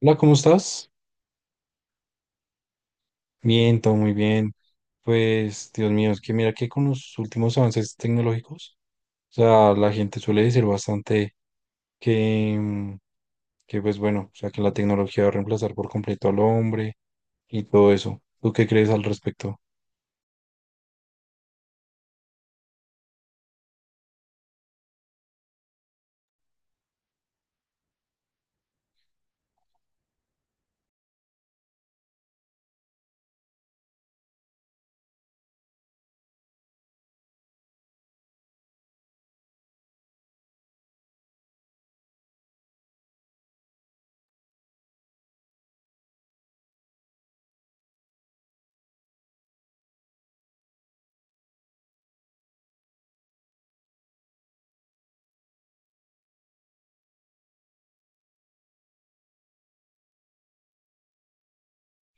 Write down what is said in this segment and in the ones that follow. Hola, ¿cómo estás? Bien, todo muy bien. Pues, Dios mío, es que mira que con los últimos avances tecnológicos, o sea, la gente suele decir bastante que, mm, que pues bueno, o sea, que la tecnología va a reemplazar por completo al hombre y todo eso. ¿Tú qué crees al respecto?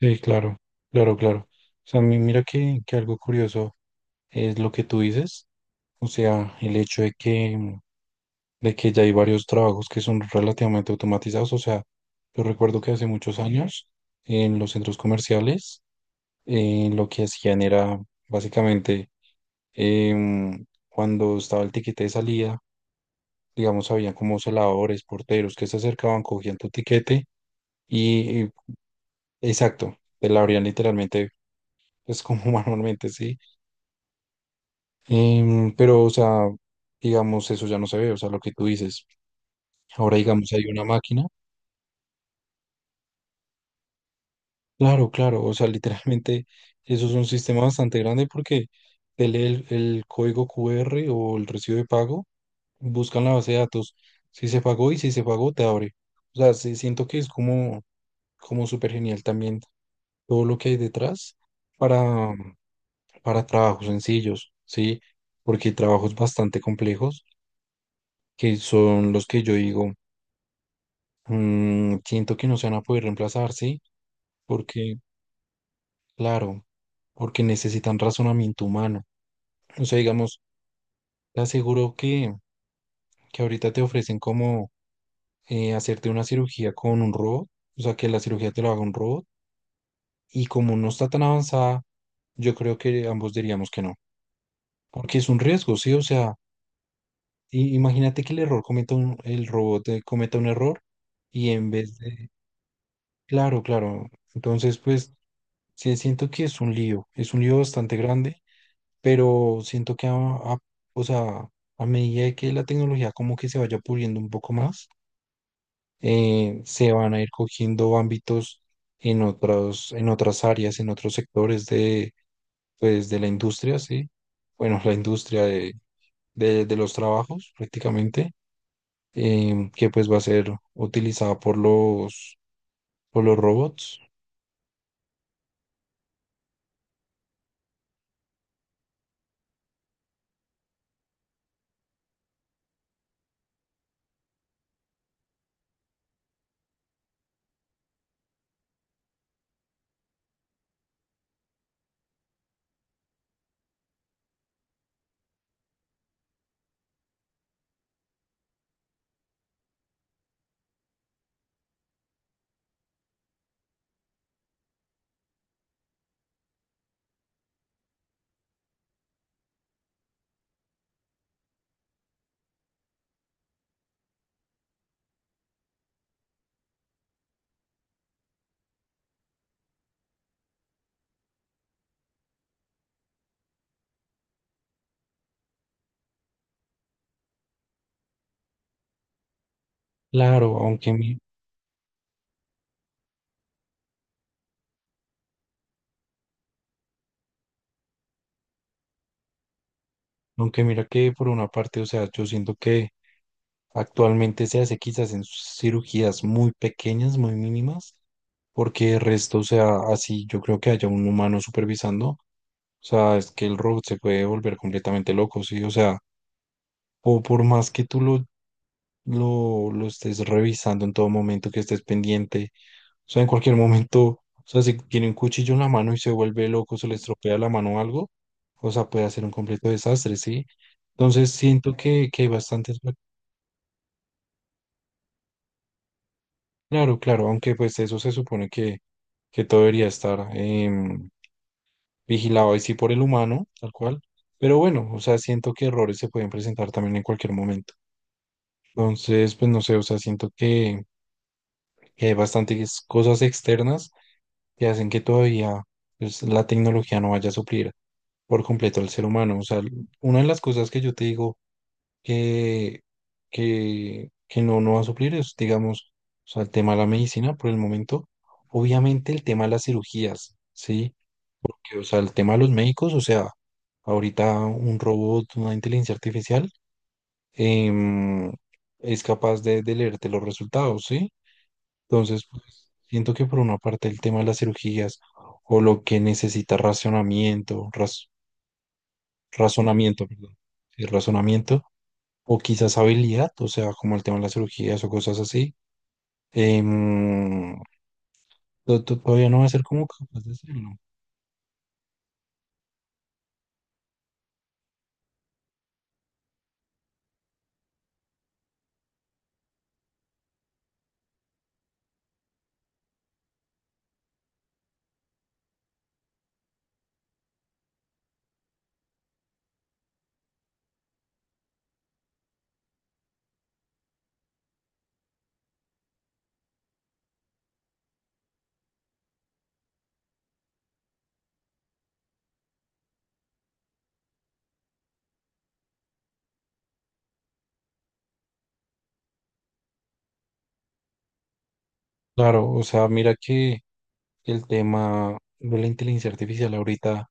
Sí, claro, claro, claro. O sea, mira que algo curioso es lo que tú dices, o sea, el hecho de que de que ya hay varios trabajos que son relativamente automatizados. O sea, yo recuerdo que hace muchos años en los centros comerciales lo que hacían era básicamente cuando estaba el tiquete de salida, digamos, había como celadores, porteros que se acercaban, cogían tu tiquete y, y- exacto, te la abrían literalmente, pues como manualmente, sí. Pero, o sea, digamos, eso ya no se ve, o sea, lo que tú dices. Ahora, digamos, hay una máquina. Claro, claro, o sea, literalmente eso es un sistema bastante grande porque te lee el código QR o el recibo de pago, buscan la base de datos, si se pagó y si se pagó te abre. O sea, sí, siento que es como súper genial también todo lo que hay detrás para, para trabajos sencillos, ¿sí? Porque hay trabajos bastante complejos que son los que yo digo, "Mm, siento que no se van a poder reemplazar, ¿sí?" Porque, claro, porque necesitan razonamiento humano. O sea, digamos, te aseguro que ahorita te ofrecen como hacerte una cirugía con un robot, o sea, que la cirugía te lo haga un robot, y como no está tan avanzada, yo creo que ambos diríamos que no, porque es un riesgo, ¿sí? O sea, imagínate que el error cometa un, el robot cometa un error y en vez de, claro, claro, entonces pues sí siento que es un lío bastante grande, pero siento que, o sea, a medida que la tecnología como que se vaya puliendo un poco más, se van a ir cogiendo ámbitos en otros, en otras áreas, en otros sectores de, pues, de la industria, ¿sí? Bueno, la industria de los trabajos prácticamente, que pues va a ser utilizada por los robots. Claro, aunque mira que por una parte, o sea, yo siento que actualmente se hace quizás en cirugías muy pequeñas, muy mínimas, porque el resto, o sea, así yo creo que haya un humano supervisando. O sea, es que el robot se puede volver completamente loco, ¿sí? O sea, o por más que tú lo estés revisando en todo momento, que estés pendiente, o sea, en cualquier momento, o sea, si tiene un cuchillo en la mano y se vuelve loco, se le estropea la mano o algo, o sea, puede hacer un completo desastre, ¿sí? Entonces siento que hay bastantes... Claro, claro, aunque pues eso se supone que todo debería estar vigilado ahí sí por el humano, tal cual. Pero bueno, o sea, siento que errores se pueden presentar también en cualquier momento. Entonces, pues no sé, o sea, siento que hay bastantes cosas externas que hacen que todavía pues, la tecnología no vaya a suplir por completo al ser humano. O sea, una de las cosas que yo te digo que, que no, no va a suplir es, digamos, o sea, el tema de la medicina por el momento. Obviamente el tema de las cirugías, ¿sí? Que, o sea, el tema de los médicos, o sea, ahorita un robot, una inteligencia artificial, em, es capaz de leerte los resultados, ¿sí? Entonces, pues, siento que por una parte el tema de las cirugías o lo que necesita razonamiento, perdón, sí, razonamiento, o quizás habilidad, o sea, como el tema de las cirugías o cosas así, em, todavía no va a ser como capaz de hacerlo. Claro, o sea, mira que el tema de la inteligencia artificial ahorita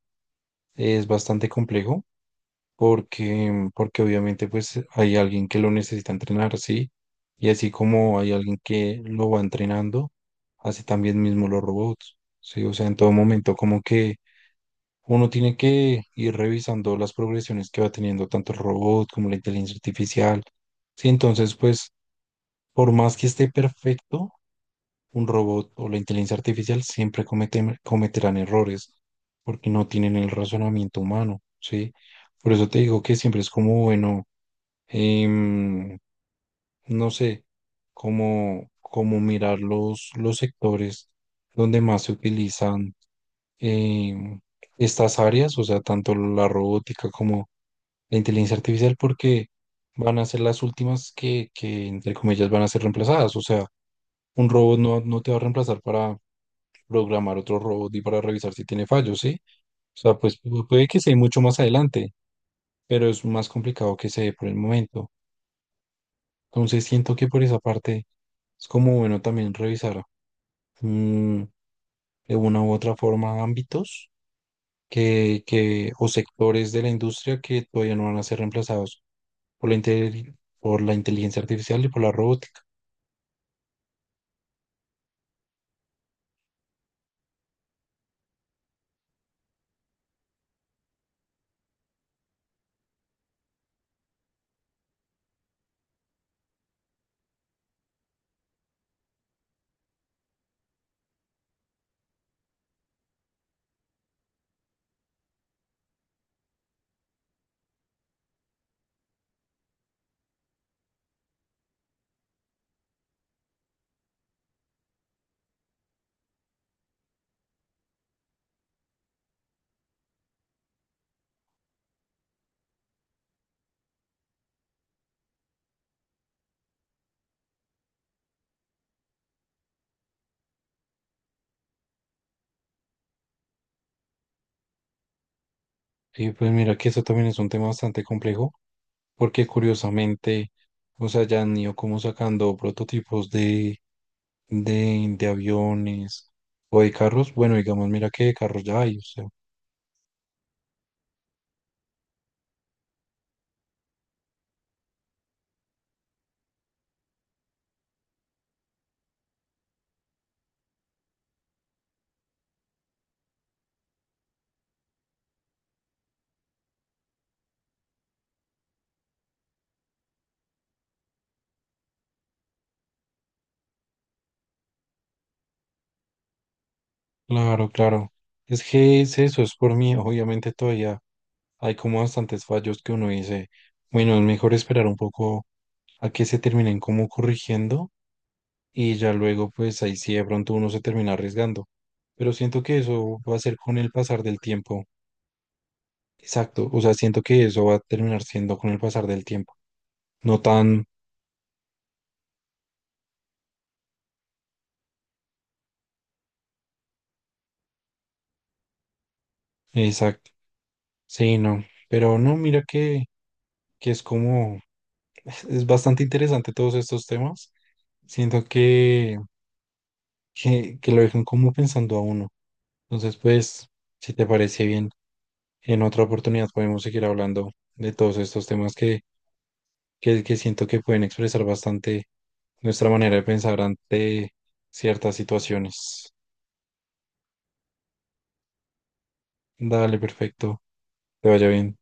es bastante complejo. Porque, porque obviamente pues hay alguien que lo necesita entrenar, ¿sí? Y así como hay alguien que lo va entrenando, así también mismo los robots, ¿sí? O sea, en todo momento como que uno tiene que ir revisando las progresiones que va teniendo tanto el robot como la inteligencia artificial, ¿sí? Entonces, pues, por más que esté perfecto, un robot o la inteligencia artificial siempre cometerán errores porque no tienen el razonamiento humano, ¿sí? Por eso te digo que siempre es como, bueno, em, no sé, cómo mirar los sectores donde más se utilizan em, estas áreas, o sea, tanto la robótica como la inteligencia artificial, porque van a ser las últimas que, entre comillas, van a ser reemplazadas. O sea, un robot no, no te va a reemplazar para programar otro robot y para revisar si tiene fallos, ¿sí? O sea, pues puede que se dé mucho más adelante, pero es más complicado que se dé por el momento. Entonces siento que por esa parte es como bueno también revisar mm, de una u otra forma ámbitos o sectores de la industria que todavía no van a ser reemplazados por por la inteligencia artificial y por la robótica. Y pues mira que eso también es un tema bastante complejo porque curiosamente, o sea, ya han ido como sacando prototipos de aviones o de carros. Bueno, digamos, mira que de carros ya hay, o sea. Claro, claro. Es que es eso, es por mí. Obviamente todavía hay como bastantes fallos que uno dice, bueno, es mejor esperar un poco a que se terminen como corrigiendo y ya luego pues ahí sí de pronto uno se termina arriesgando. Pero siento que eso va a ser con el pasar del tiempo. Exacto, o sea, siento que eso va a terminar siendo con el pasar del tiempo. No tan exacto. Sí, no. Pero no, mira que es como, es bastante interesante todos estos temas. Siento que... que lo dejan como pensando a uno. Entonces, pues, si te parece bien, en otra oportunidad podemos seguir hablando de todos estos temas que siento que pueden expresar bastante nuestra manera de pensar ante ciertas situaciones. Dale, perfecto. Te vaya bien.